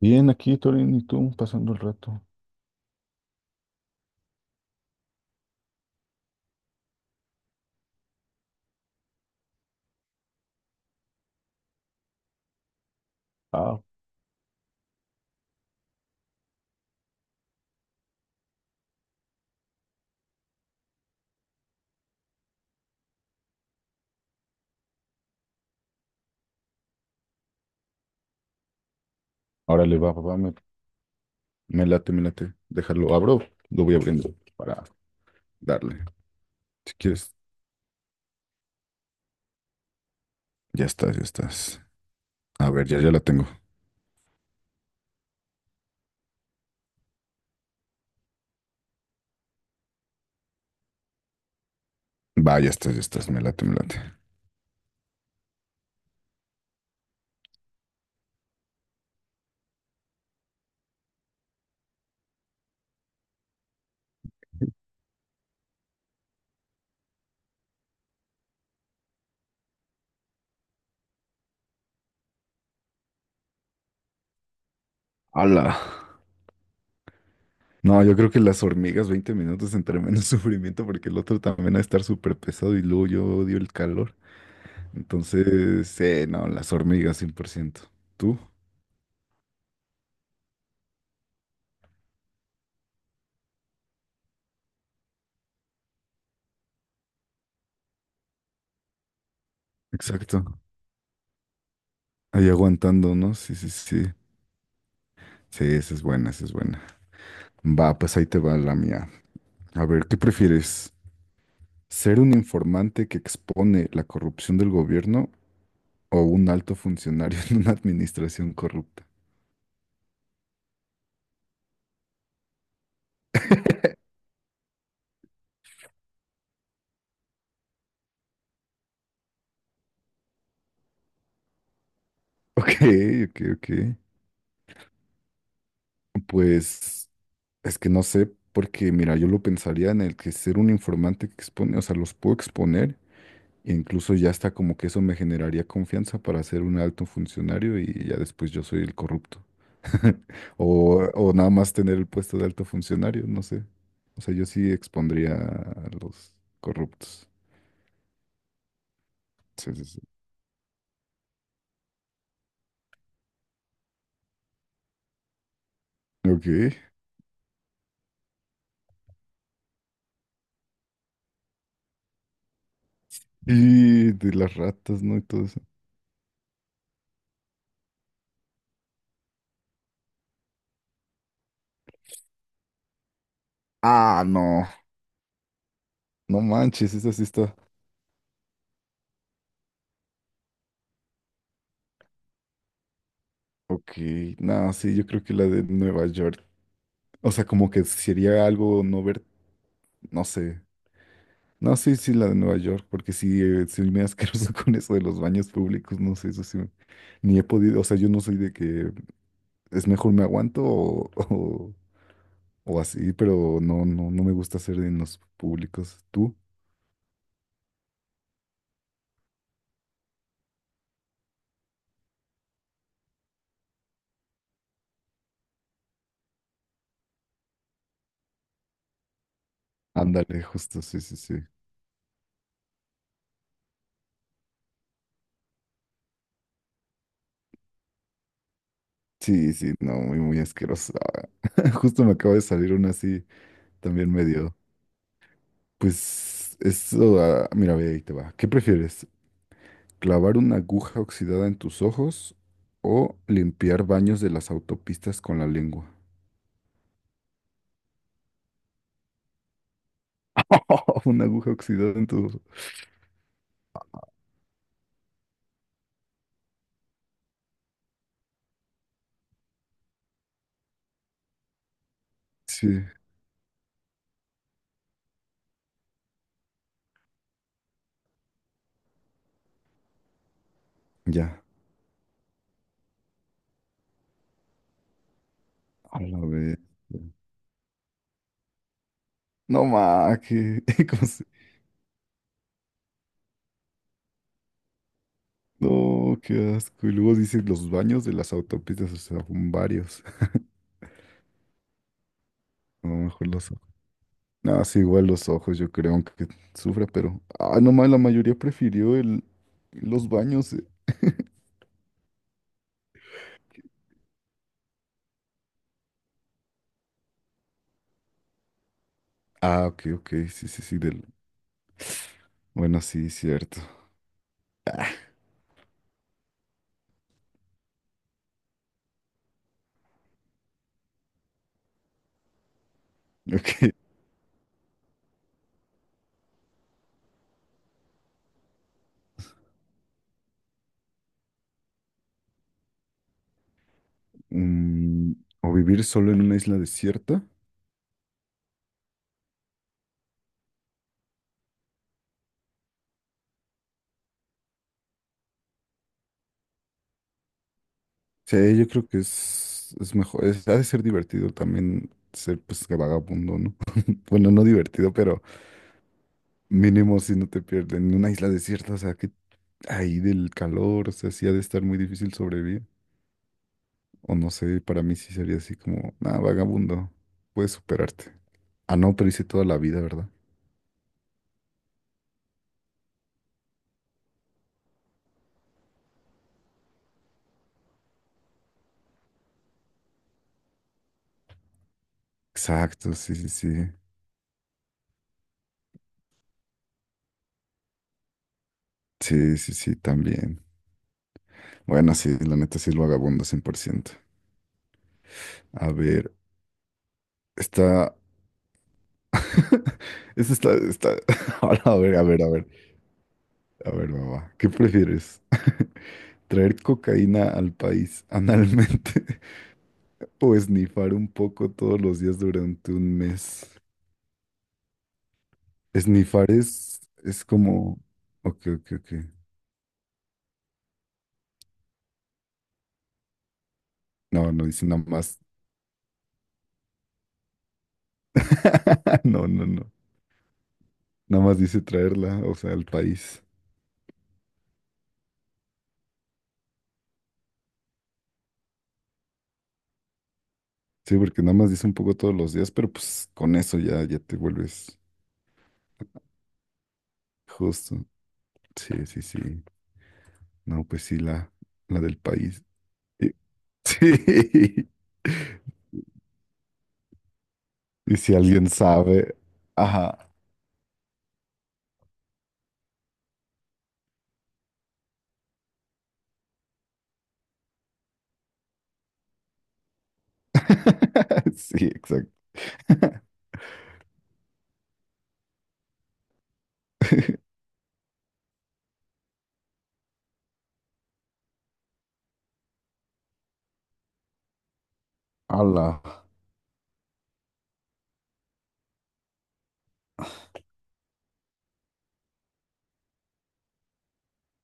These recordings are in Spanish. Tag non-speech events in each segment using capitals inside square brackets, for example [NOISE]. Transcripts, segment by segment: Bien, aquí, Torín, y tú, pasando el rato. Ah, ahora le va, papá, me late, me late. Déjalo, abro, lo voy abriendo para darle. Si quieres, ya estás, ya estás. A ver, ya, ya la tengo. Va, ya estás, me late, me late. ¡Hala! No, yo creo que las hormigas, 20 minutos entre menos [LAUGHS] sufrimiento, porque el otro también va a estar súper pesado y luego yo odio el calor. Entonces, sí, no, las hormigas, 100%. ¿Tú? Exacto. Ahí aguantando, ¿no? Sí, sí, sí. Sí, esa es buena, esa es buena. Va, pues ahí te va la mía. A ver, ¿qué prefieres? ¿Ser un informante que expone la corrupción del gobierno o un alto funcionario [LAUGHS] en una administración corrupta? Ok, ok, ok. Pues es que no sé, porque mira, yo lo pensaría en el que ser un informante que expone, o sea, los puedo exponer. E incluso ya está como que eso me generaría confianza para ser un alto funcionario y ya después yo soy el corrupto. [LAUGHS] O, o nada más tener el puesto de alto funcionario, no sé. O sea, yo sí expondría a los corruptos. Sí, sí, sí. Ok. Y de las ratas, ¿no? Y todo eso. Ah, no. No manches, esa sí está. Ok. No, sí, yo creo que la de Nueva York. O sea, como que sería algo no ver, no sé. No, sí, sí, la de Nueva York, porque sí, soy muy asqueroso [LAUGHS] con eso de los baños públicos, no sé, eso sí, me- ni he podido, o sea, yo no soy de que es mejor me aguanto o así, pero no, no, no me gusta hacer en los públicos. ¿Tú? Ándale, justo, sí, sí, sí. Sí, sí, no, muy, muy asqueroso. [LAUGHS] Justo me acaba de salir una así, también medio. Pues, eso, ah, mira, ve, ahí te va. ¿Qué prefieres? ¿Clavar una aguja oxidada en tus ojos o limpiar baños de las autopistas con la lengua? [LAUGHS] Una aguja oxidada en tu... Sí, ya. A la vez. No, ma, que... [LAUGHS] ¿cómo se- No, qué asco. Y luego dices los baños de las autopistas, o sea, son varios. [LAUGHS] A lo mejor los ojos. No, sí, igual los ojos, yo creo, aunque sufra, pero... Ah, no, ma, la mayoría prefirió el... los baños, eh. [LAUGHS] Ah, ok, ok, sí, sí, sí, del... Bueno, sí, cierto. [LAUGHS] Ok. Mm, o vivir solo en una isla desierta. Sí, yo creo que es, mejor, es- ha de ser divertido también ser pues que vagabundo, ¿no? [LAUGHS] Bueno, no divertido, pero mínimo si no te pierden en una isla desierta, o sea, que ahí del calor, o sea, sí ha de estar muy difícil sobrevivir. O no sé, para mí sí sería así como, nada, vagabundo, puedes superarte. Ah, no, pero hice toda la vida, ¿verdad? Exacto, sí, sí, sí. Sí, sí, sí, también. Bueno, sí, la neta sí es vagabundo 100%. A ver, está... [LAUGHS] Esta está, está... [LAUGHS] A ver, a ver, a ver. A ver, mamá, ¿qué prefieres? ¿Traer cocaína al país analmente [LAUGHS] o esnifar un poco todos los días durante un mes? Esnifar es como... Ok, ok, ok. No, no dice nada más. [LAUGHS] No, no, no. Nada más dice traerla, o sea, al país. Sí, porque nada más dice un poco todos los días, pero pues con eso ya, ya te vuelves justo. Sí, sí, sí. No, pues sí, la del país. Y- [LAUGHS] sí. Y si alguien sabe, ajá. [LAUGHS] Sí, exacto. Ala,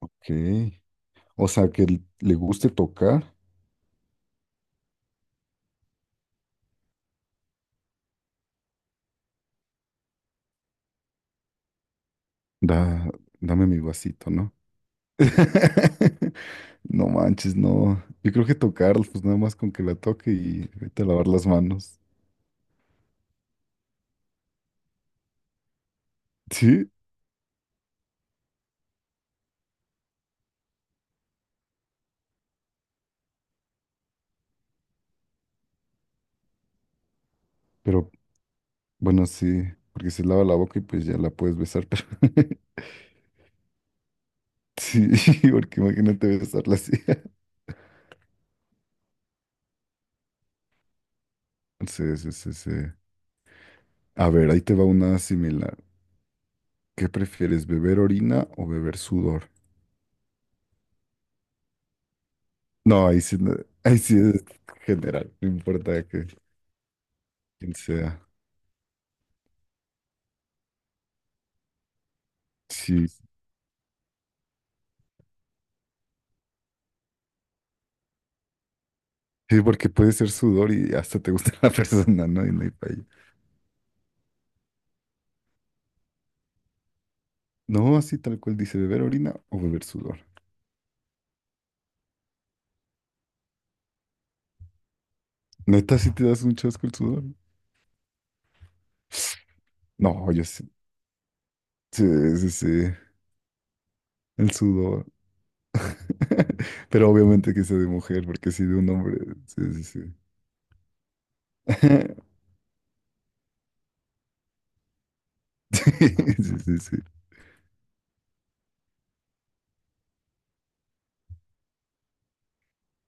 ok. O sea, que l- le guste tocar, da, dame mi vasito, ¿no? [LAUGHS] No manches, no. Yo creo que tocar, pues nada más con que la toque y vete a lavar las manos. Sí, pero bueno, sí, porque se lava la boca y pues ya la puedes besar, pero [LAUGHS] sí, [LAUGHS] porque imagínate besarla así. [LAUGHS] Sí, sí, sí, sí. A ver, ahí te va una similar. ¿Qué prefieres, beber orina o beber sudor? No, ahí sí, ahí sí es general, no importa que quién sea. Sí, sí, porque puede ser sudor y hasta te gusta [LAUGHS] la persona, ¿no? Y no hay pa' ello. No, así tal cual dice, beber orina o beber sudor. Neta, si te das un chasco el sudor. No, yo sí, sí, sí, sí, el sudor. [LAUGHS] Pero obviamente que sea de mujer, porque si de un hombre, sí, sí, sí. [LAUGHS] Sí, sí, sí.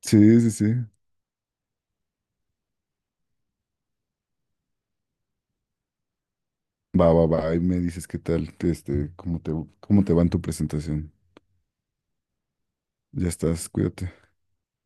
Sí, sí, sí. Va, va, va, ahí me dices qué tal, este, cómo te va en tu presentación. Ya estás, cuídate.